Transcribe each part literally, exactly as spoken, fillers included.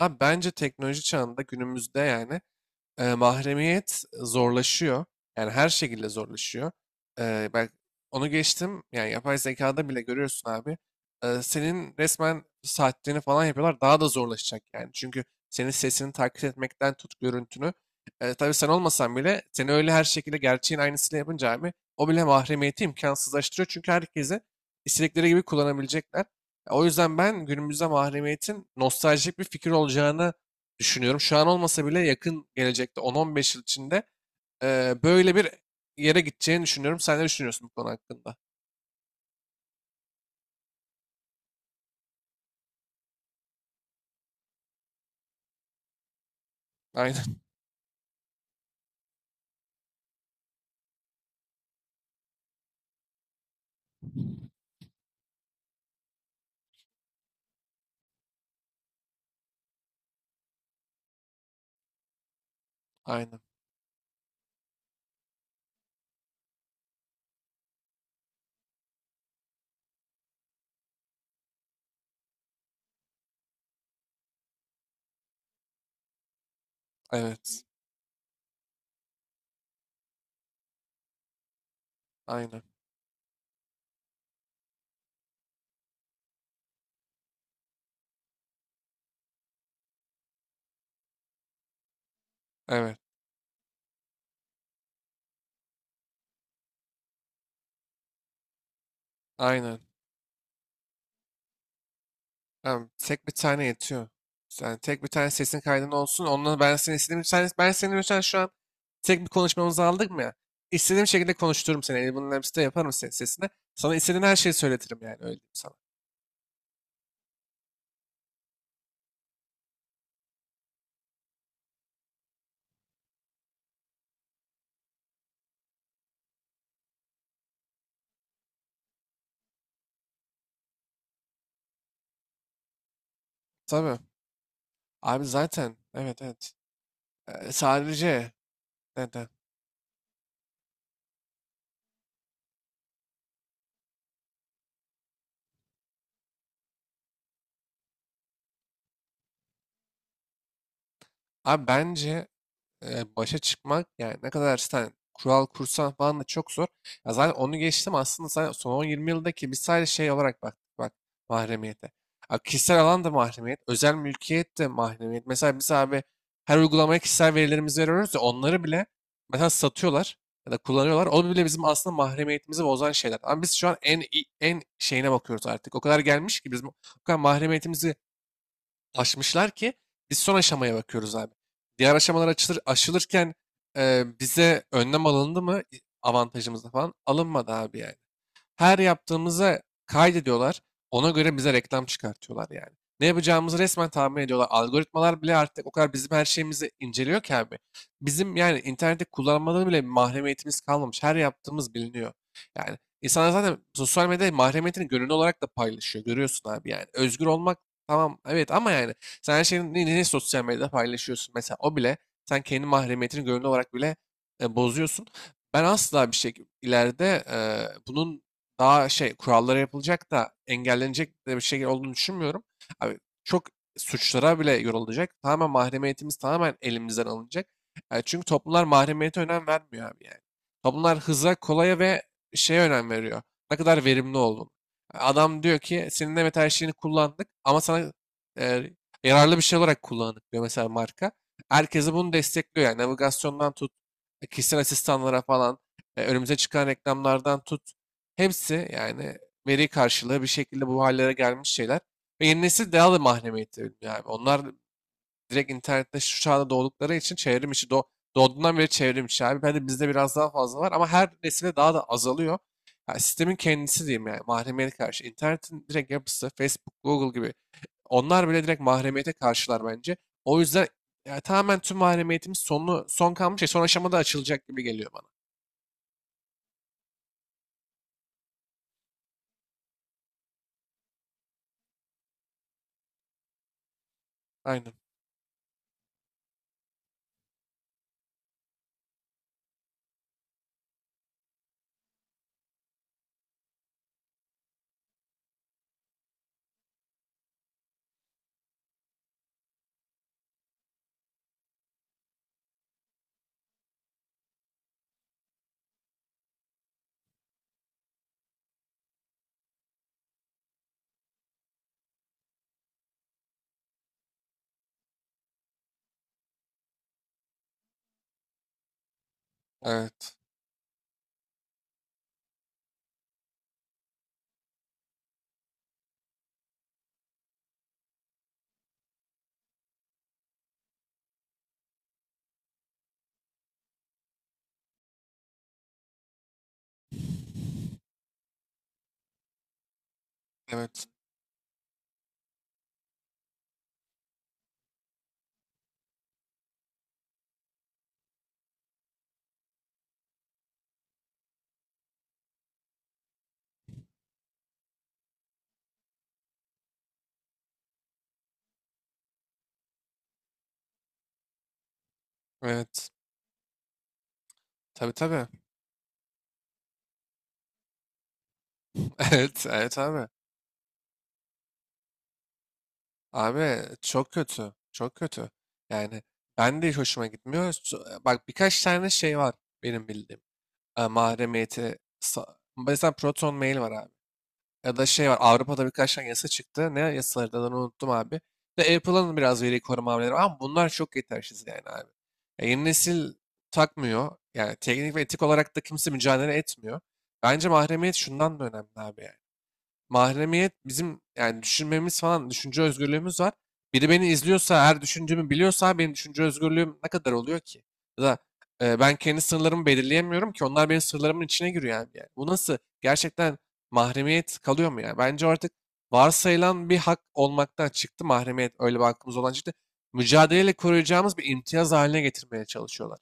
Abi bence teknoloji çağında günümüzde yani e, mahremiyet zorlaşıyor. Yani her şekilde zorlaşıyor. E, ben onu geçtim. Yani yapay zekada bile görüyorsun abi. E, senin resmen saatlerini falan yapıyorlar. Daha da zorlaşacak yani. Çünkü senin sesini taklit etmekten tut görüntünü. E, tabii sen olmasan bile seni öyle her şekilde gerçeğin aynısını yapınca abi o bile mahremiyeti imkansızlaştırıyor. Çünkü herkese istedikleri gibi kullanabilecekler. O yüzden ben günümüzde mahremiyetin nostaljik bir fikir olacağını düşünüyorum. Şu an olmasa bile yakın gelecekte on on beş yıl içinde eee, böyle bir yere gideceğini düşünüyorum. Sen ne düşünüyorsun bu konu hakkında? Aynen, aynen. Evet, aynen, evet, aynen. Tamam, tek bir tane yetiyor. Sen tek bir tane sesin kaydın olsun. Onunla ben seni istediğim sen, ben seni mesela şu an tek bir konuşmamızı aldık mı ya? İstediğim şekilde konuştururum seni. Elbinin hepsini yaparım senin sesine. Sana istediğin her şeyi söyletirim yani öyle diyeyim sana. Tabii. Abi zaten evet evet. Ee, sadece neden? Abi bence e, başa çıkmak yani ne kadar sen kural kursan falan da çok zor. Ya zaten onu geçtim aslında sen son on yirmi yıldaki biz sadece şey olarak baktık bak mahremiyete. Ya kişisel alan da mahremiyet, özel mülkiyet de mahremiyet. Mesela biz abi her uygulamaya kişisel verilerimizi veriyoruz ya onları bile mesela satıyorlar ya da kullanıyorlar. O bile bizim aslında mahremiyetimizi bozan şeyler. Ama biz şu an en en şeyine bakıyoruz artık. O kadar gelmiş ki bizim o kadar mahremiyetimizi aşmışlar ki biz son aşamaya bakıyoruz abi. Diğer aşamalar açılır, aşılırken e, bize önlem alındı mı avantajımızda falan alınmadı abi yani her yaptığımıza kaydediyorlar. Ona göre bize reklam çıkartıyorlar yani. Ne yapacağımızı resmen tahmin ediyorlar. Algoritmalar bile artık o kadar bizim her şeyimizi inceliyor ki abi. Bizim yani internette kullanmadan bile mahremiyetimiz kalmamış. Her yaptığımız biliniyor. Yani insanlar zaten sosyal medyada mahremiyetini gönüllü olarak da paylaşıyor. Görüyorsun abi yani. Özgür olmak tamam evet ama yani sen her şeyini ne ne sosyal medyada paylaşıyorsun? Mesela o bile sen kendi mahremiyetini gönüllü olarak bile e, bozuyorsun. Ben asla bir şey ileride e, bunun daha şey kurallara yapılacak da engellenecek de bir şey olduğunu düşünmüyorum. Abi çok suçlara bile yorulacak. Tamamen mahremiyetimiz tamamen elimizden alınacak. Yani çünkü toplumlar mahremiyete önem vermiyor abi yani. Toplumlar hıza, kolaya ve şeye önem veriyor. Ne kadar verimli oldun. Adam diyor ki senin evet her şeyini kullandık ama sana e, yararlı bir şey olarak kullandık diyor mesela marka. Herkesi bunu destekliyor yani navigasyondan tut, e, kişisel asistanlara falan, e, önümüze çıkan reklamlardan tut, hepsi yani veri karşılığı bir şekilde bu hallere gelmiş şeyler. Ve yeni nesil daha da mahremiyetli ölümlü abi. Onlar direkt internette şu çağda doğdukları için çevrim içi doğ- doğduğundan beri çevrim içi abi. Bence bizde biraz daha fazla var ama her nesile daha da azalıyor. Yani sistemin kendisi diyeyim yani mahremiyete karşı. İnternetin direkt yapısı Facebook, Google gibi onlar bile direkt mahremiyete karşılar bence. O yüzden yani tamamen tüm mahremiyetimiz sonu, son kalmış şey son aşamada açılacak gibi geliyor bana. Aynen. Evet. Evet. Evet. Tabii tabii. Evet, evet abi. Abi çok kötü. Çok kötü. Yani ben de hiç hoşuma gitmiyor. Su- e, Bak birkaç tane şey var benim bildiğim. E, mahremiyeti. sa- Mesela Proton Mail var abi. Ya da şey var Avrupa'da birkaç tane yasa çıktı. Ne yasaları da onu unuttum abi. Ve Apple'ın biraz veri koruma hamleleri var ama bunlar çok yetersiz yani abi. Ya yeni nesil takmıyor. Yani teknik ve etik olarak da kimse mücadele etmiyor. Bence mahremiyet şundan da önemli abi yani. Mahremiyet bizim yani düşünmemiz falan düşünce özgürlüğümüz var. Biri beni izliyorsa, her düşündüğümü biliyorsa benim düşünce özgürlüğüm ne kadar oluyor ki? Ya da e, ben kendi sınırlarımı belirleyemiyorum ki onlar benim sınırlarımın içine giriyor abi yani. Bu nasıl? Gerçekten mahremiyet kalıyor mu yani? Bence artık varsayılan bir hak olmaktan çıktı mahremiyet öyle bir hakkımız olan çıktı. Mücadeleyle koruyacağımız bir imtiyaz haline getirmeye çalışıyorlar.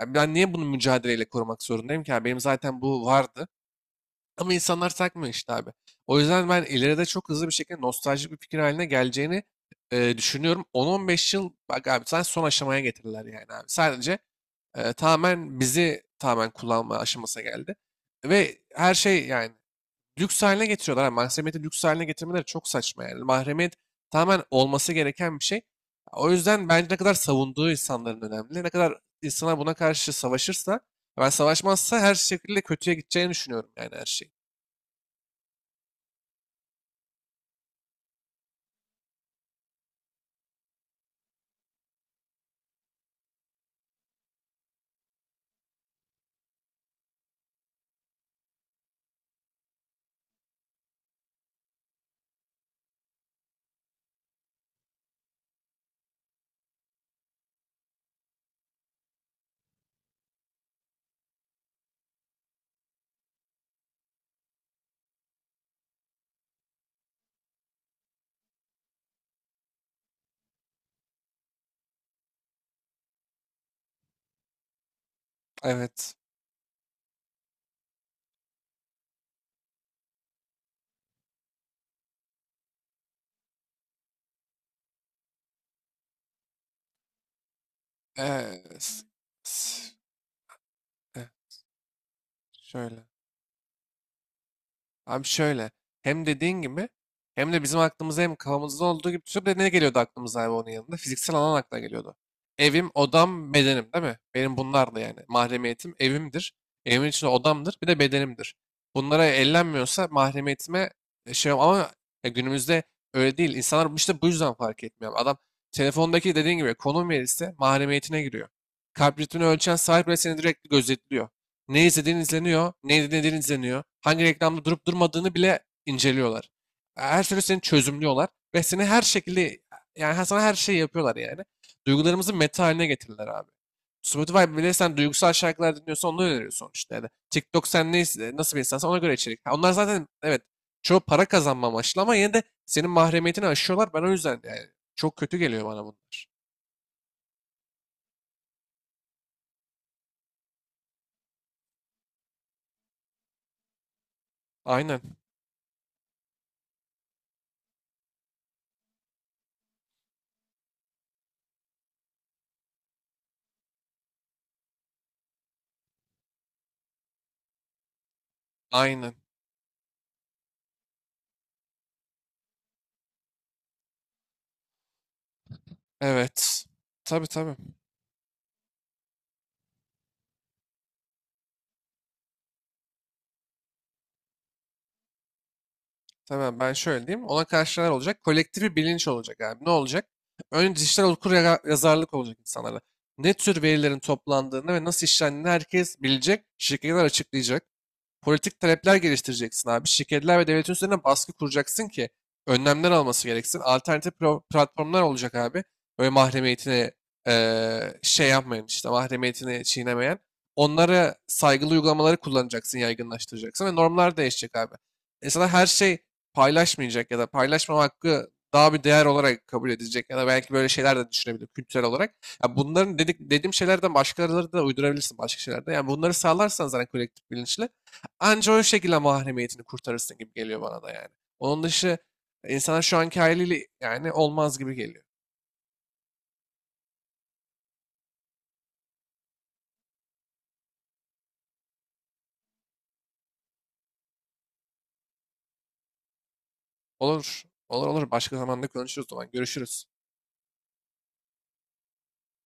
Yani ben niye bunu mücadeleyle korumak zorundayım ki? Yani benim zaten bu vardı. Ama insanlar takmıyor işte abi. O yüzden ben ileride çok hızlı bir şekilde nostaljik bir fikir haline geleceğini e, düşünüyorum. on on beş yıl bak abi sen son aşamaya getirirler yani abi. Sadece e, tamamen bizi tamamen kullanma aşamasına geldi. Ve her şey yani lüks haline getiriyorlar. Yani mahremiyeti lüks haline getirmeleri çok saçma yani. Mahremiyet tamamen olması gereken bir şey. O yüzden bence ne kadar savunduğu insanların önemli. Ne kadar insanlar buna karşı savaşırsa, ben savaşmazsa her şekilde kötüye gideceğini düşünüyorum yani her şey. Evet. Eee, s- s- eh, şöyle. Abi şöyle. Hem dediğin gibi hem de bizim aklımıza hem kafamızda olduğu gibi tutup da ne geliyordu aklımıza abi onun yanında? Fiziksel alan akla geliyordu. Evim, odam, bedenim değil mi? Benim bunlar da yani. Mahremiyetim evimdir. Evimin içinde odamdır. Bir de bedenimdir. Bunlara ellenmiyorsa mahremiyetime e, şey ama ya günümüzde öyle değil. İnsanlar işte bu yüzden fark etmiyor. Adam telefondaki dediğin gibi konum verirse mahremiyetine giriyor. Kalp ritmini ölçen sahip bile seni direkt gözetliyor. Ne izlediğin izleniyor, ne dinlediğin izleniyor, hangi reklamda durup durmadığını bile inceliyorlar. Her türlü seni çözümlüyorlar ve seni her şekilde yani sana her şeyi yapıyorlar yani. Duygularımızı meta haline getirdiler abi. Spotify bile sen duygusal şarkılar dinliyorsan onu öneriyor sonuçta. Yani TikTok sen ne, nasıl bir insansan ona göre içerik. Ha, onlar zaten evet çoğu para kazanma amaçlı ama yine de senin mahremiyetini aşıyorlar. Ben o yüzden yani çok kötü geliyor bana bunlar. Aynen. Aynen. Evet. Tabii tabii. Tamam ben şöyle diyeyim. Ona karşı neler olacak? Kolektif bir bilinç olacak abi. Ne olacak? Önce dijital okur yaga- yazarlık olacak insanlara. Ne tür verilerin toplandığını ve nasıl işlendiğini herkes bilecek. Şirketler açıklayacak. Politik talepler geliştireceksin abi. Şirketler ve devletin üzerine baskı kuracaksın ki önlemler alması gereksin. Alternatif pro- platformlar olacak abi. Böyle mahremiyetine eee, şey yapmayan işte mahremiyetini çiğnemeyen. Onlara saygılı uygulamaları kullanacaksın, yaygınlaştıracaksın ve normlar değişecek abi. İnsanlar her şey paylaşmayacak ya da paylaşmama hakkı daha bir değer olarak kabul edilecek ya da belki böyle şeyler de düşünebilir kültürel olarak. Ya bunların dedik, dediğim şeylerden başkaları da uydurabilirsin başka şeylerde. Yani bunları sağlarsan zaten kolektif bilinçle anca o şekilde mahremiyetini kurtarırsın gibi geliyor bana da yani. Onun dışı insanlar şu anki haliyle yani olmaz gibi geliyor. Olur. Olur olur. Başka zamanda konuşuruz o zaman. Görüşürüz.